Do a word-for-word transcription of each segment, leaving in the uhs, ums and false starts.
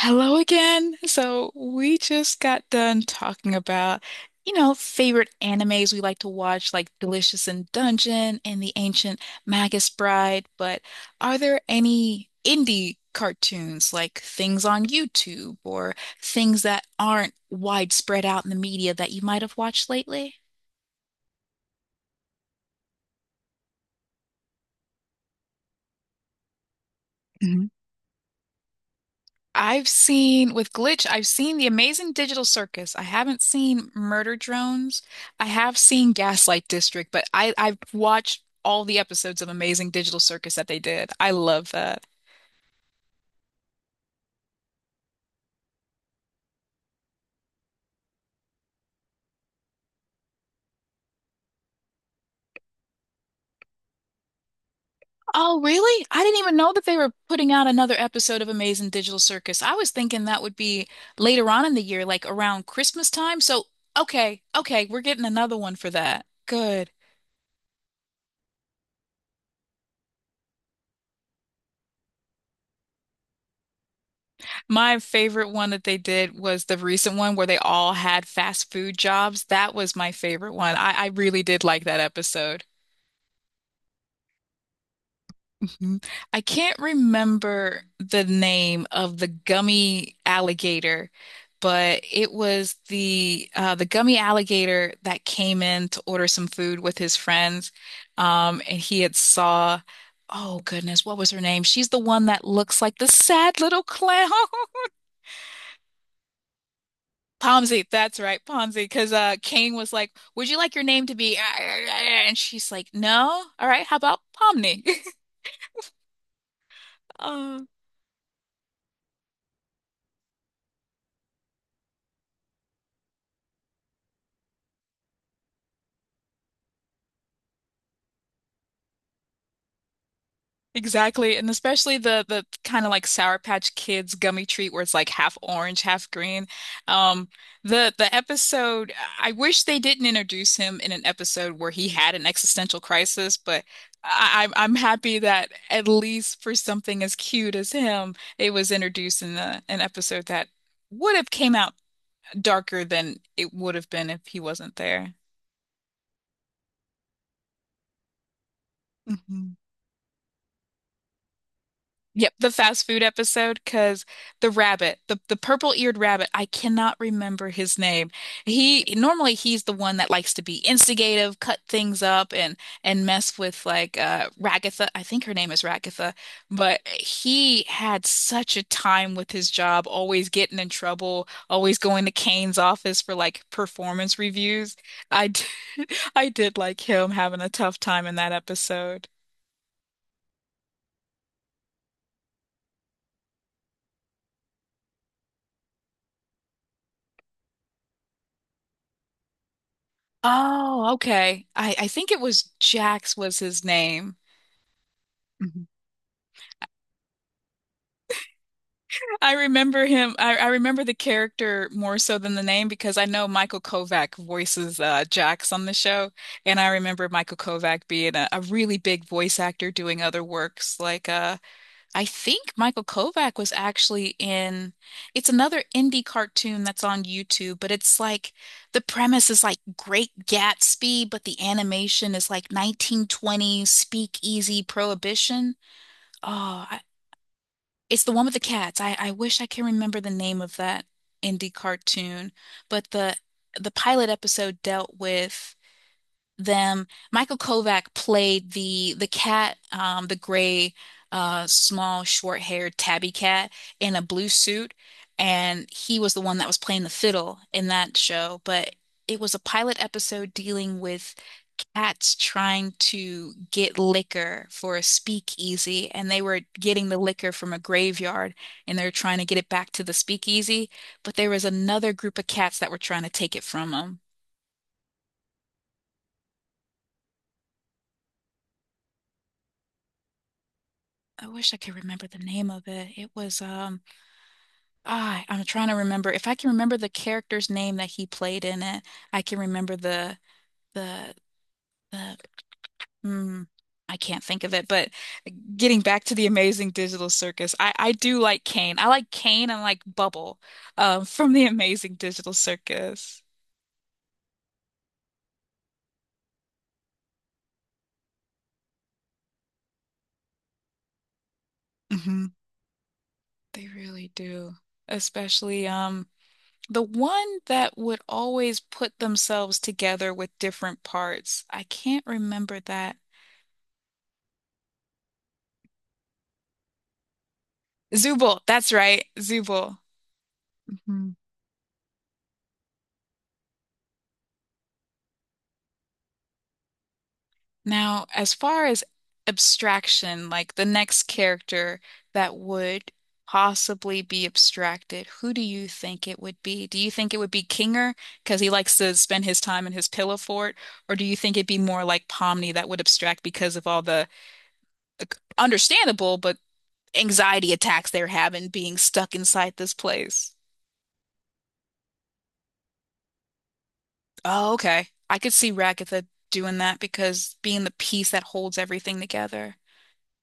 Hello again. So we just got done talking about, you know, favorite animes we like to watch, like Delicious in Dungeon and The Ancient Magus Bride. But are there any indie cartoons, like things on YouTube or things that aren't widespread out in the media that you might have watched lately? I've seen with Glitch, I've seen The Amazing Digital Circus. I haven't seen Murder Drones. I have seen Gaslight District, but I, I've watched all the episodes of Amazing Digital Circus that they did. I love that. Oh, really? I didn't even know that they were putting out another episode of Amazing Digital Circus. I was thinking that would be later on in the year, like around Christmas time. So, okay, okay, we're getting another one for that. Good. My favorite one that they did was the recent one where they all had fast food jobs. That was my favorite one. I, I really did like that episode. Mhm. I can't remember the name of the gummy alligator, but it was the uh, the gummy alligator that came in to order some food with his friends, um, and he had saw, oh goodness, what was her name? She's the one that looks like the sad little clown. Pomsey, that's right, Pomsey, because uh, Kane was like, "Would you like your name to be?" And she's like, "No, all right, how about Pomni?" Um, exactly, and especially the the kind of like Sour Patch Kids gummy treat where it's like half orange, half green. Um, the the episode, I wish they didn't introduce him in an episode where he had an existential crisis, but I, I'm I'm happy that at least for something as cute as him, it was introduced in the, an episode that would have came out darker than it would have been if he wasn't there. Mhm. Yep, the fast food episode because the rabbit, the the purple-eared rabbit, I cannot remember his name. He normally he's the one that likes to be instigative, cut things up and and mess with like uh Ragatha. I think her name is Ragatha, but he had such a time with his job, always getting in trouble, always going to Kane's office for like performance reviews. I did, I did like him having a tough time in that episode. Oh, okay. I, I think it was Jax was his name. Mhm. I remember him. I, I remember the character more so than the name because I know Michael Kovac voices uh, Jax on the show, and I remember Michael Kovac being a, a really big voice actor doing other works like uh, I think Michael Kovac was actually in, it's another indie cartoon that's on YouTube, but it's like the premise is like Great Gatsby, but the animation is like nineteen twenties speakeasy prohibition. Oh, I, it's the one with the cats. I, I wish I can remember the name of that indie cartoon, but the the pilot episode dealt with them. Michael Kovac played the the cat, um, the gray, uh, small, short-haired tabby cat in a blue suit, and he was the one that was playing the fiddle in that show. But it was a pilot episode dealing with cats trying to get liquor for a speakeasy, and they were getting the liquor from a graveyard, and they were trying to get it back to the speakeasy. But there was another group of cats that were trying to take it from them. I wish I could remember the name of it. It was um ah, I'm trying to remember. If I can remember the character's name that he played in it, I can remember the the the mm, I can't think of it, but getting back to the Amazing Digital Circus, I I do like Kane. I like Kane and like Bubble um from the Amazing Digital Circus. hmm They really do. Especially um the one that would always put themselves together with different parts. I can't remember that Zubul, that's right, Zubul. Mhm. Now, as far as abstraction, like the next character that would possibly be abstracted, who do you think it would be? Do you think it would be Kinger because he likes to spend his time in his pillow fort, or do you think it'd be more like Pomni that would abstract because of all the uh, understandable but anxiety attacks they're having being stuck inside this place? Oh, okay. I could see Ragatha doing that because being the piece that holds everything together,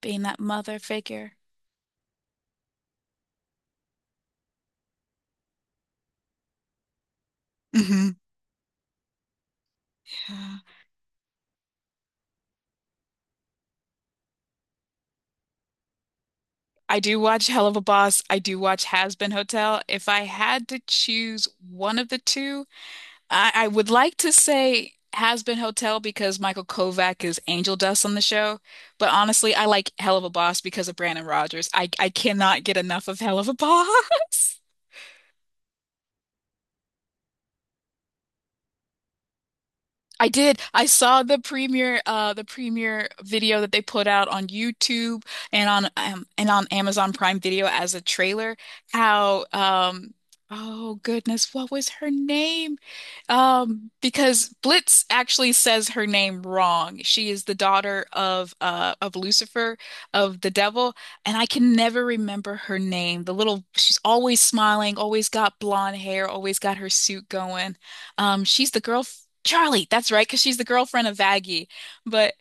being that mother figure. hmm Yeah. I do watch Hell of a Boss. I do watch Has Been Hotel. If I had to choose one of the two, I, I would like to say Has Been Hotel because Michael Kovac is angel dust on the show. But honestly, I like Hell of a Boss because of Brandon Rogers. I, I cannot get enough of Hell of a Boss. I did. I saw the premiere, uh, the premiere video that they put out on YouTube and on um, and on Amazon Prime Video as a trailer. How, um, oh goodness, what was her name? Um, because Blitz actually says her name wrong. She is the daughter of uh of Lucifer, of the devil, and I can never remember her name. The little, she's always smiling, always got blonde hair, always got her suit going. Um, she's the girl. Charlie, that's right, because she's the girlfriend of Aggie. But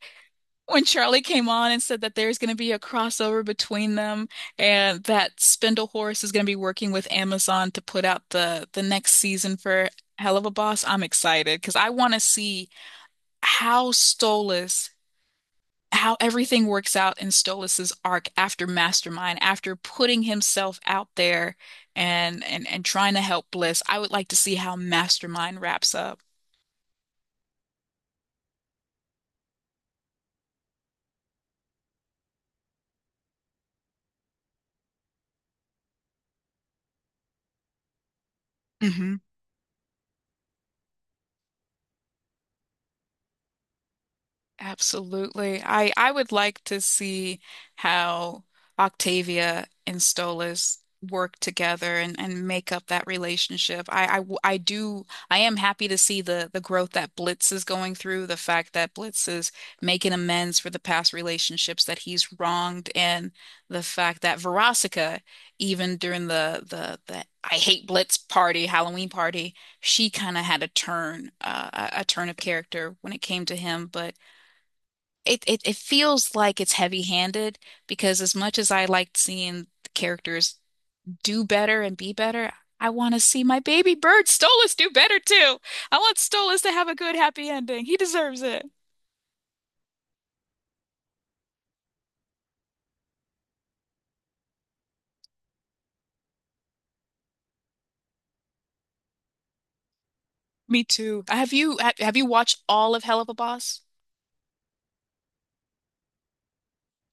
when Charlie came on and said that there's going to be a crossover between them and that Spindle Horse is going to be working with Amazon to put out the the next season for Hell of a Boss, I'm excited because I want to see how Stolas, how everything works out in Stolas's arc after Mastermind, after putting himself out there and and and trying to help Bliss. I would like to see how Mastermind wraps up. hmm Absolutely. I I would like to see how Octavia and Stolas work together and, and make up that relationship. I, I w- I do I am happy to see the the growth that Blitz is going through, the fact that Blitz is making amends for the past relationships that he's wronged, and the fact that Veronica, even during the the the I hate Blitz party, Halloween party, she kind of had a turn, uh, a a turn of character when it came to him, but it it, it feels like it's heavy-handed because as much as I liked seeing the characters do better and be better, I want to see my baby bird Stolas do better too. I want Stolas to have a good happy ending. He deserves it. Me too. Have you ha- have you watched all of Hell of a Boss?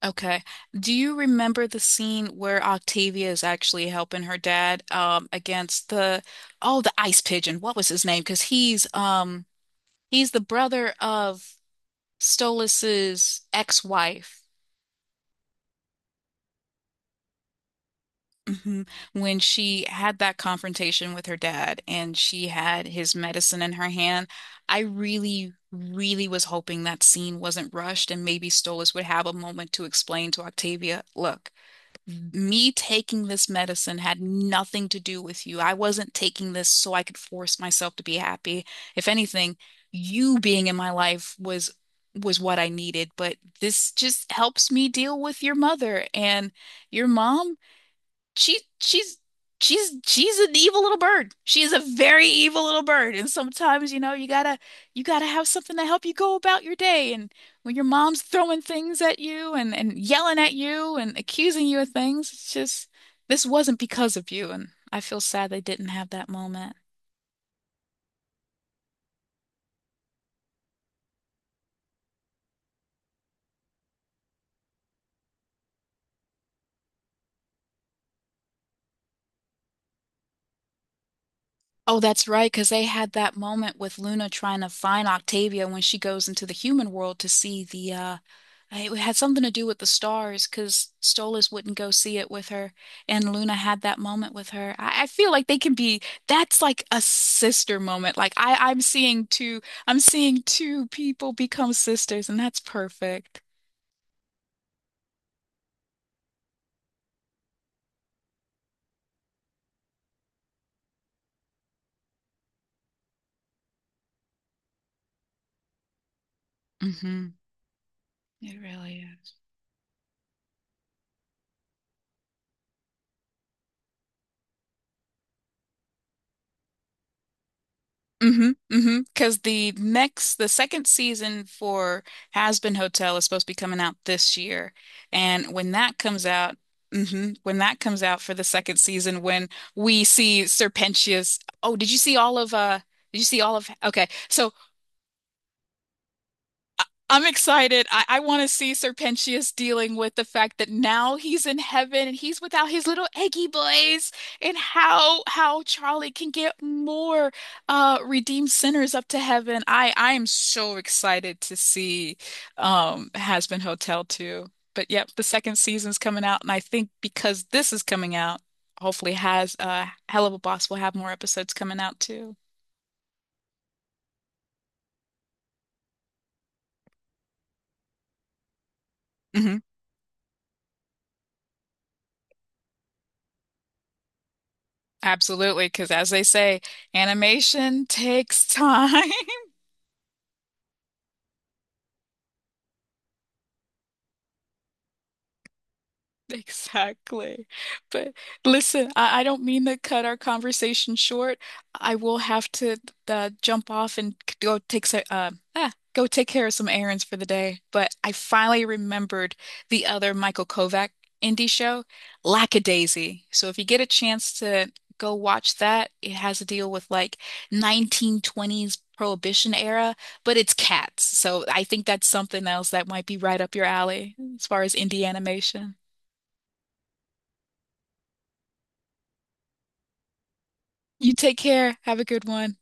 Okay. Do you remember the scene where Octavia is actually helping her dad um against the oh the ice pigeon. What was his name? Because he's um he's the brother of Stolas's ex-wife. Mhm. When she had that confrontation with her dad and she had his medicine in her hand, I really, really was hoping that scene wasn't rushed and maybe Stolas would have a moment to explain to Octavia, look, me taking this medicine had nothing to do with you. I wasn't taking this so I could force myself to be happy. If anything, you being in my life was was what I needed, but this just helps me deal with your mother and your mom she she's she's she's an evil little bird. She is a very evil little bird. And sometimes, you know, you gotta you gotta have something to help you go about your day. And when your mom's throwing things at you and and yelling at you and accusing you of things, it's just this wasn't because of you. And I feel sad they didn't have that moment. Oh, that's right, because they had that moment with Luna trying to find Octavia when she goes into the human world to see the uh it had something to do with the stars because Stolas wouldn't go see it with her, and Luna had that moment with her. I, I feel like they can be that's like a sister moment. Like I, I'm seeing two, I'm seeing two people become sisters, and that's perfect. Mm-hmm. It really is. Mm-hmm, mm-hmm. Because the next, the second season for Has Been Hotel is supposed to be coming out this year, and when that comes out, hmm when that comes out for the second season, when we see Serpentius. Oh, did you see all of? Uh, did you see all of? Okay, so I- I'm excited. I, I want to see Serpentius dealing with the fact that now he's in heaven and he's without his little eggy boys, and how how Charlie can get more uh redeemed sinners up to heaven. I I am so excited to see um Has Been Hotel too. But yep, the second season's coming out, and I think because this is coming out, hopefully has uh Hell of a Boss will have more episodes coming out too. Mhm. Absolutely, because as they say, animation takes time. Exactly. But listen, I, I don't mean to cut our conversation short. I will have to uh, jump off and c- go take some, uh, ah, go take care of some errands for the day. But I finally remembered the other Michael Kovac indie show, Lackadaisy. So if you get a chance to go watch that, it has a deal with like nineteen twenties Prohibition era, but it's cats. So I think that's something else that might be right up your alley as far as indie animation. You take care. Have a good one.